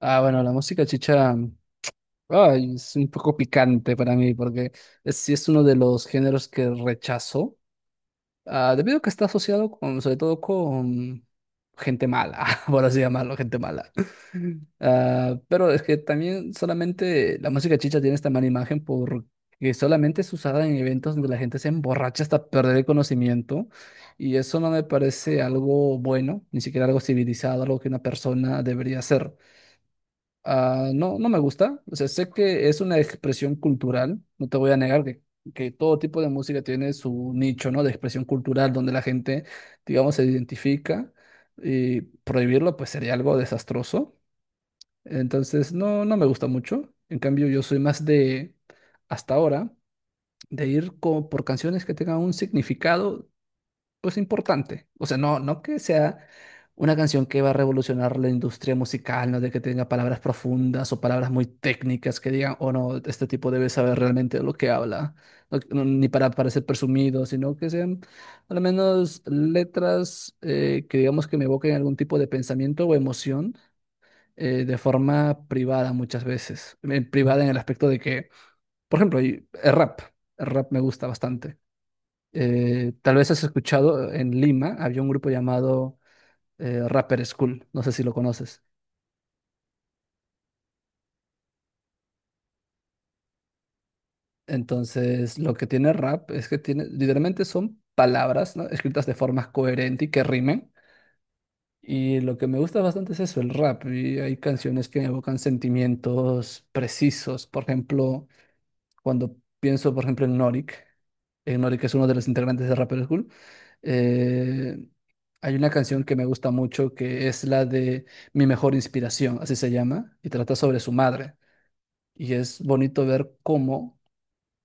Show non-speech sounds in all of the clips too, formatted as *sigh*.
Bueno, la música chicha es un poco picante para mí porque sí es uno de los géneros que rechazo, debido a que está asociado con, sobre todo con gente mala, *laughs* por así llamarlo, gente mala. Ah, pero es que también solamente la música chicha tiene esta mala imagen porque solamente es usada en eventos donde la gente se emborracha hasta perder el conocimiento y eso no me parece algo bueno, ni siquiera algo civilizado, algo que una persona debería hacer. Ah, no, no me gusta. O sea, sé que es una expresión cultural, no te voy a negar que todo tipo de música tiene su nicho, ¿no? De expresión cultural donde la gente, digamos, se identifica y prohibirlo pues sería algo desastroso. Entonces, no, no me gusta mucho. En cambio, yo soy más de, hasta ahora, de ir por canciones que tengan un significado pues importante. O sea, no, no que sea una canción que va a revolucionar la industria musical, no de que tenga palabras profundas o palabras muy técnicas que digan, oh no, este tipo debe saber realmente lo que habla, ni para parecer presumido, sino que sean al menos letras que digamos que me evoquen algún tipo de pensamiento o emoción. De forma privada muchas veces. Privada en el aspecto de que, por ejemplo, el rap me gusta bastante. Tal vez has escuchado, en Lima había un grupo llamado Rapper School, no sé si lo conoces. Entonces, lo que tiene rap es que tiene, literalmente son palabras, ¿no? Escritas de forma coherente y que rimen. Y lo que me gusta bastante es eso, el rap. Y hay canciones que evocan sentimientos precisos. Por ejemplo, cuando pienso, por ejemplo, en Norik es uno de los integrantes de Rapper School. eh, Hay una canción que me gusta mucho que es la de Mi mejor inspiración, así se llama, y trata sobre su madre. Y es bonito ver cómo,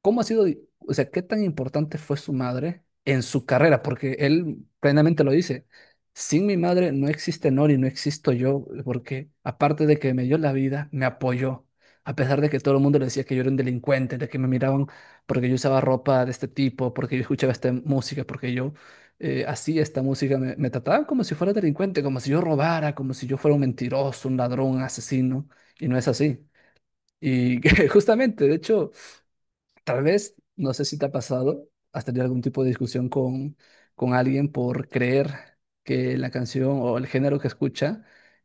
¿cómo ha sido, o sea, qué tan importante fue su madre en su carrera? Porque él plenamente lo dice, sin mi madre no existe Nori, no existo yo, porque aparte de que me dio la vida, me apoyó, a pesar de que todo el mundo le decía que yo era un delincuente, de que me miraban porque yo usaba ropa de este tipo, porque yo escuchaba esta música, porque yo hacía esta música, me trataban como si fuera delincuente, como si yo robara, como si yo fuera un mentiroso, un ladrón, un asesino, y no es así. Y *laughs* justamente, de hecho… Tal vez, no sé si te ha pasado, has tenido algún tipo de discusión con alguien por creer que la canción o el género que escucha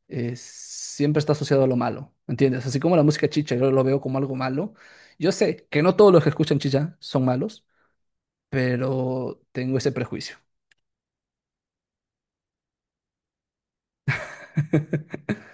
siempre está asociado a lo malo, ¿entiendes? Así como la música chicha, yo lo veo como algo malo. Yo sé que no todos los que escuchan chicha son malos, pero tengo ese prejuicio. *laughs*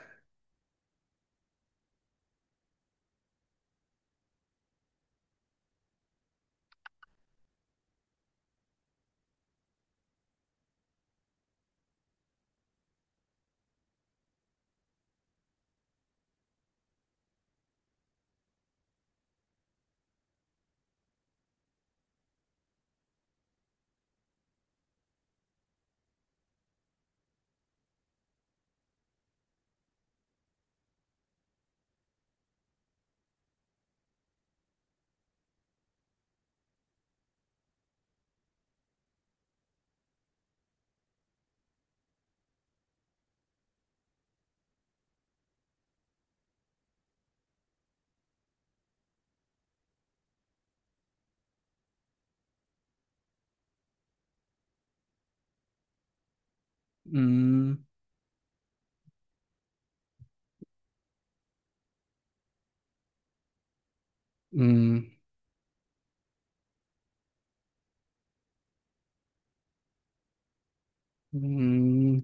Mm, mm, mm,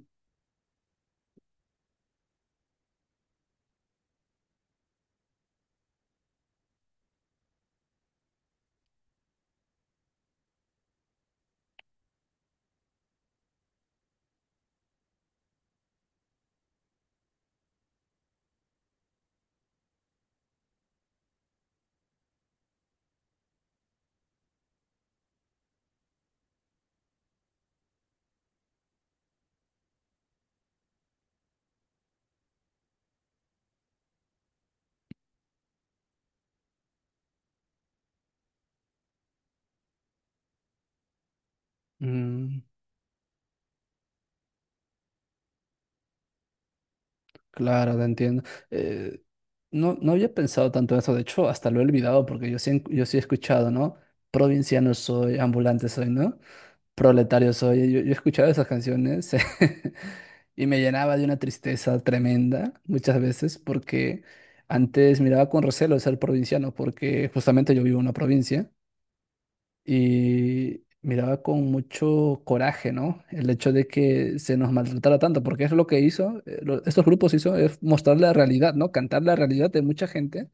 mm. Claro, te entiendo. Eh, no, no había pensado tanto en eso, de hecho, hasta lo he olvidado porque yo sí, yo sí he escuchado, ¿no? Provinciano soy, ambulante soy, ¿no? Proletario soy. Yo he escuchado esas canciones *laughs* y me llenaba de una tristeza tremenda muchas veces porque antes miraba con recelo ser provinciano porque justamente yo vivo en una provincia y miraba con mucho coraje, ¿no? El hecho de que se nos maltratara tanto, porque es lo que hizo, estos grupos hizo, es mostrar la realidad, ¿no? Cantar la realidad de mucha gente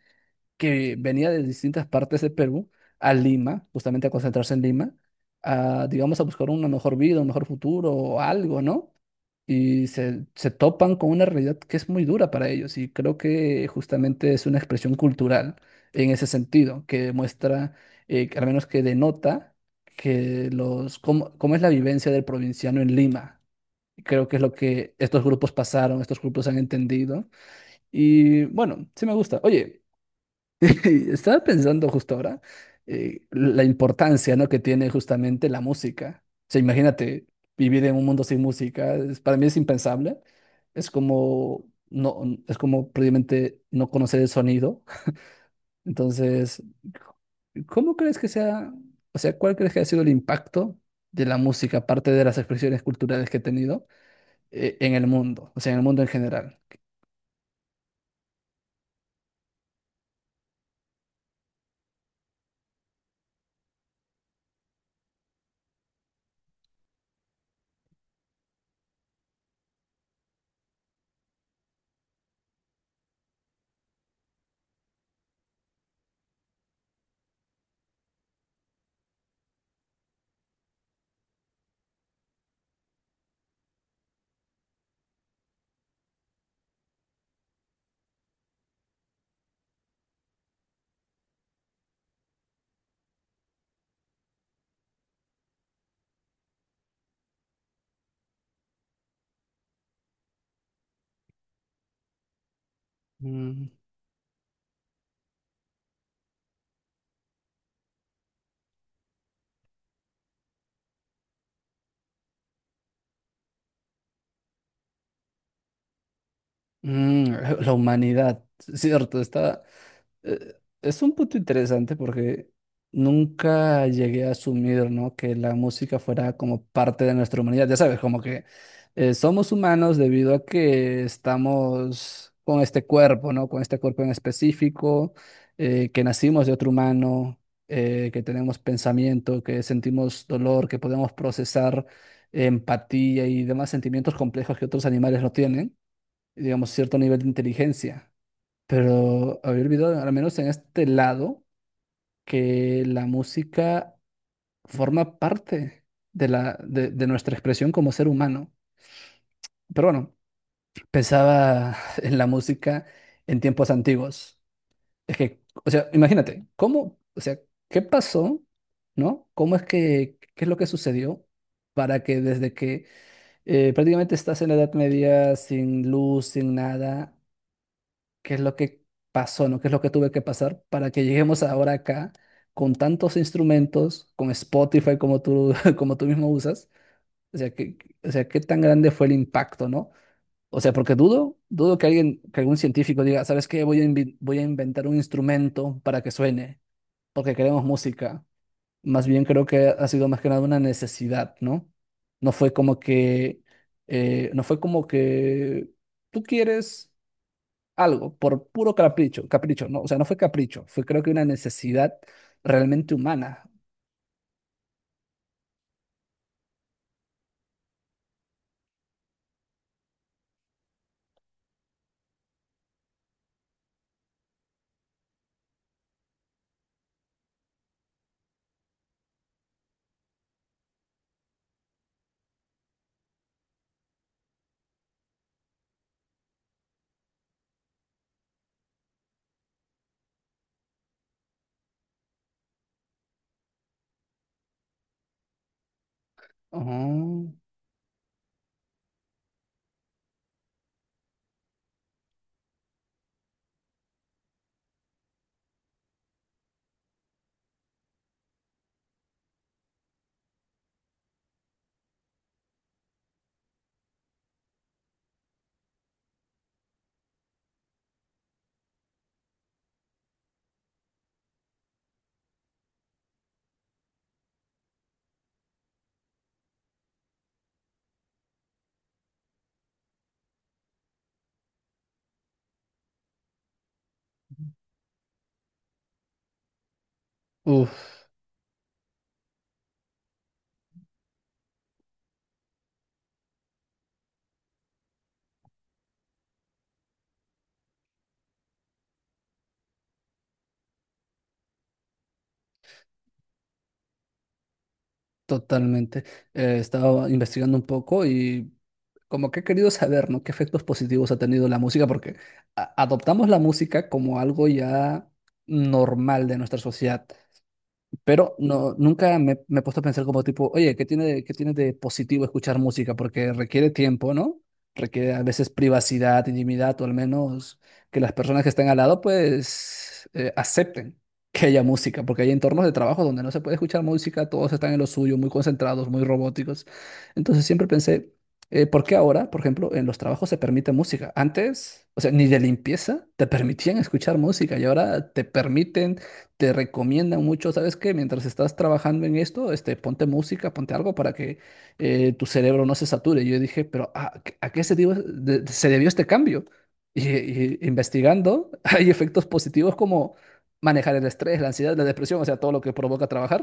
que venía de distintas partes de Perú a Lima, justamente a concentrarse en Lima, a, digamos, a buscar una mejor vida, un mejor futuro o algo, ¿no? Se topan con una realidad que es muy dura para ellos y creo que justamente es una expresión cultural en ese sentido, que demuestra, que al menos que denota que los, cómo, cómo es la vivencia del provinciano en Lima. Y creo que es lo que estos grupos pasaron, estos grupos han entendido. Y bueno, sí me gusta. Oye, *laughs* estaba pensando justo ahora la importancia, ¿no? Que tiene justamente la música. O sea, imagínate vivir en un mundo sin música, para mí es impensable. Es como no, es como prácticamente no conocer el sonido. Entonces, ¿cómo crees que sea, o sea, cuál crees que ha sido el impacto de la música, aparte de las expresiones culturales que ha tenido en el mundo, o sea, en el mundo en general? Mm, mm, la humanidad, cierto, está. eh, es un punto interesante porque nunca llegué a asumir, ¿no? Que la música fuera como parte de nuestra humanidad. Ya sabes, como que somos humanos debido a que estamos con este cuerpo, ¿no? Con este cuerpo en específico, que nacimos de otro humano, que tenemos pensamiento, que sentimos dolor, que podemos procesar empatía y demás sentimientos complejos que otros animales no tienen, digamos, cierto nivel de inteligencia. Pero había olvidado, al menos en este lado, que la música forma parte de de nuestra expresión como ser humano. Pero bueno, pensaba *laughs* en la música en tiempos antiguos. Es que, o sea, imagínate, ¿cómo, o sea, qué pasó, ¿no? ¿Cómo es que, qué es lo que sucedió para que desde que prácticamente estás en la Edad Media sin luz, sin nada, qué es lo que pasó, ¿no? ¿Qué es lo que tuve que pasar para que lleguemos ahora acá con tantos instrumentos, con Spotify como tú, *laughs* como tú mismo usas? O sea, que, o sea, ¿qué tan grande fue el impacto, ¿no? O sea, porque dudo, dudo que alguien, que algún científico diga, ¿sabes qué? Voy a, voy a inventar un instrumento para que suene, porque queremos música. Más bien creo que ha sido más que nada una necesidad, ¿no? No fue como que, no fue como que tú quieres algo por puro capricho, capricho, no, o sea, no fue capricho, fue creo que una necesidad realmente humana. Oh, uf, totalmente. He estado investigando un poco y como que he querido saber, ¿no? ¿Qué efectos positivos ha tenido la música? Porque adoptamos la música como algo ya normal de nuestra sociedad. Pero no, nunca me he puesto a pensar como tipo, oye, qué tiene de positivo escuchar música? Porque requiere tiempo, ¿no? Requiere a veces privacidad, intimidad, o al menos que las personas que estén al lado, pues, acepten que haya música, porque hay entornos de trabajo donde no se puede escuchar música, todos están en lo suyo, muy concentrados, muy robóticos. Entonces siempre pensé, ¿por qué ahora, por ejemplo, en los trabajos se permite música? Antes, o sea, ni de limpieza te permitían escuchar música y ahora te permiten te recomiendan mucho, ¿sabes qué? Mientras estás trabajando en esto, este, ponte música, ponte algo para que tu cerebro no se sature. Yo dije, pero a qué se, se debió este cambio? Y investigando, *laughs* hay efectos positivos como manejar el estrés, la ansiedad, la depresión, o sea, todo lo que provoca trabajar.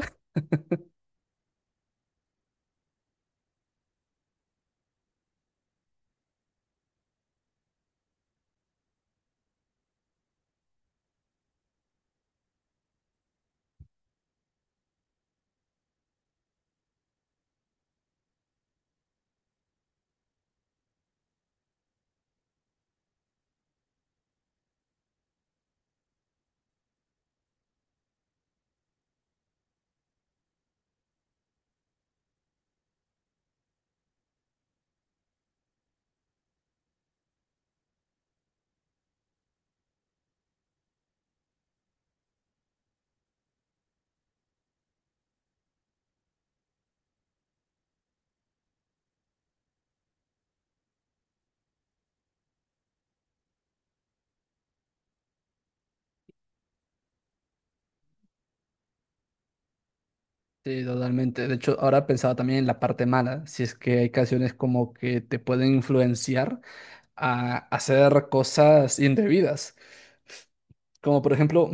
Sí, totalmente. De hecho, ahora pensaba también en la parte mala, si es que hay canciones como que te pueden influenciar a hacer cosas indebidas. Como por ejemplo,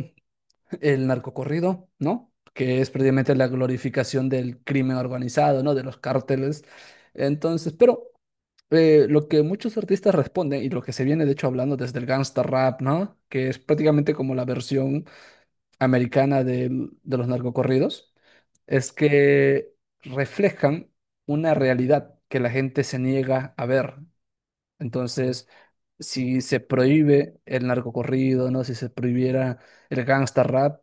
el narcocorrido, ¿no? Que es precisamente la glorificación del crimen organizado, ¿no? De los cárteles. Entonces, pero lo que muchos artistas responden y lo que se viene de hecho hablando desde el gangsta rap, ¿no? Que es prácticamente como la versión americana de los narcocorridos, es que reflejan una realidad que la gente se niega a ver. Entonces, si se prohíbe el narcocorrido, ¿no? Si se prohibiera el gangsta rap,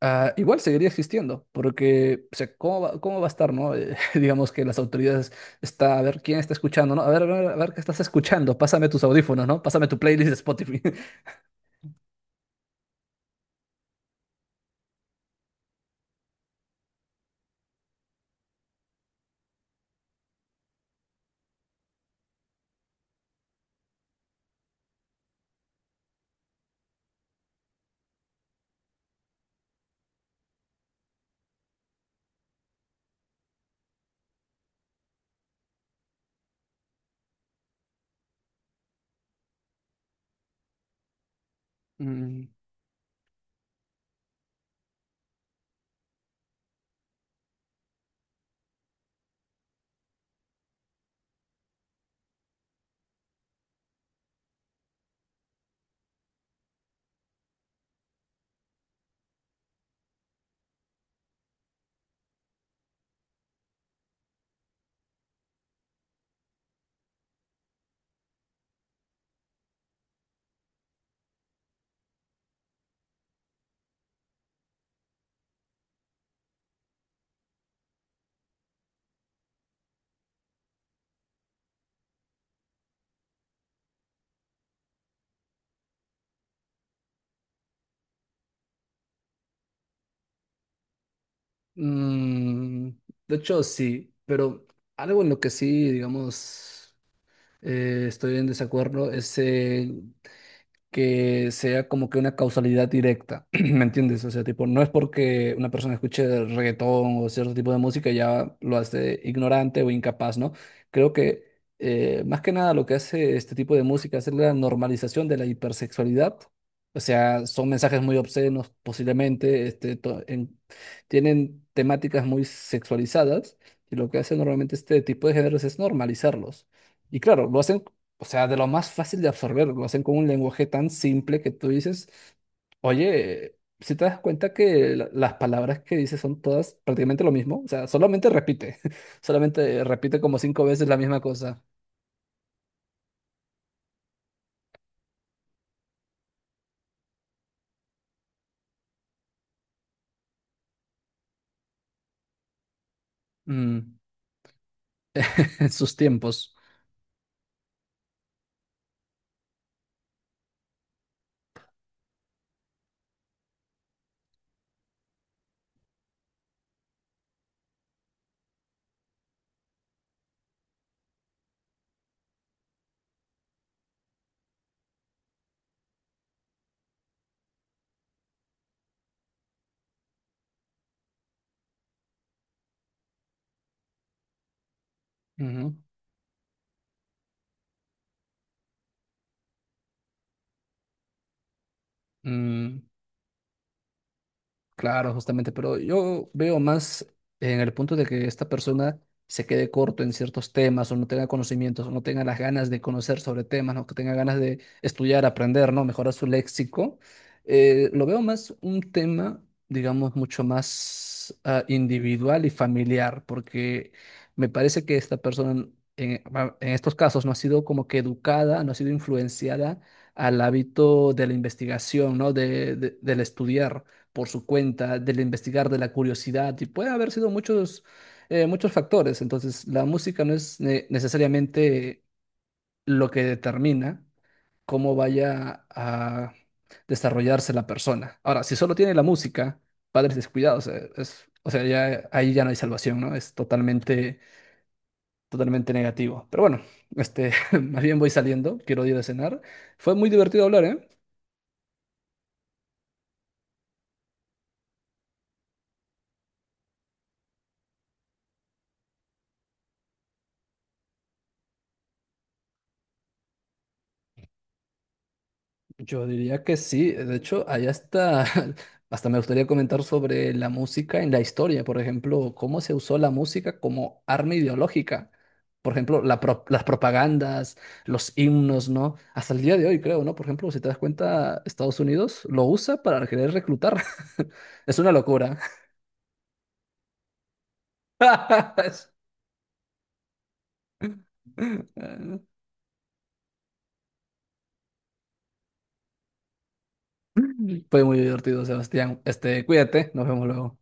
ah, igual seguiría existiendo, porque, o sea, cómo va a estar, no? *laughs* Digamos que las autoridades está, a ver, ¿quién está escuchando, no? A ver, a ver, a ver qué estás escuchando, pásame tus audífonos, ¿no? Pásame tu playlist de Spotify. *laughs* Mm, mm, de hecho, sí, pero algo en lo que sí, digamos, estoy en desacuerdo es que sea como que una causalidad directa, *clears throat* ¿me entiendes? O sea, tipo, no es porque una persona escuche reggaetón o cierto tipo de música ya lo hace ignorante o incapaz, ¿no? Creo que más que nada lo que hace este tipo de música es la normalización de la hipersexualidad. O sea, son mensajes muy obscenos posiblemente, este, tienen temáticas muy sexualizadas y lo que hace normalmente este tipo de géneros es normalizarlos. Y claro, lo hacen o sea, de lo más fácil de absorber, lo hacen con un lenguaje tan simple que tú dices, oye, si te das cuenta que las palabras que dices son todas prácticamente lo mismo, o sea, solamente repite, *laughs* solamente repite como cinco veces la misma cosa. Mm, *laughs* en sus tiempos. Ujú. Mm, Claro, justamente, pero yo veo más en el punto de que esta persona se quede corto en ciertos temas o no tenga conocimientos o no tenga las ganas de conocer sobre temas, no que tenga ganas de estudiar, aprender, ¿no? Mejorar su léxico. Lo veo más un tema, digamos, mucho más individual y familiar, porque me parece que esta persona en, en estos casos no ha sido como que educada, no ha sido influenciada al hábito de la investigación, ¿no? De, del estudiar por su cuenta, del investigar, de la curiosidad, y puede haber sido muchos, muchos factores. Entonces, la música no es necesariamente lo que determina cómo vaya a desarrollarse la persona. Ahora, si solo tiene la música, padres descuidados, es, o sea, ya, ahí ya no hay salvación, ¿no? Es totalmente, totalmente negativo. Pero bueno, este, *laughs* más bien voy saliendo, quiero ir a cenar. Fue muy divertido hablar, ¿eh? Yo diría que sí, de hecho, ahí hasta, *laughs* hasta me gustaría comentar sobre la música en la historia, por ejemplo, cómo se usó la música como arma ideológica, por ejemplo, las propagandas, los himnos, ¿no? Hasta el día de hoy, creo, ¿no? Por ejemplo, si te das cuenta, Estados Unidos lo usa para querer reclutar. *laughs* Es una locura. *laughs* Fue muy divertido, Sebastián. Este, cuídate, nos vemos luego.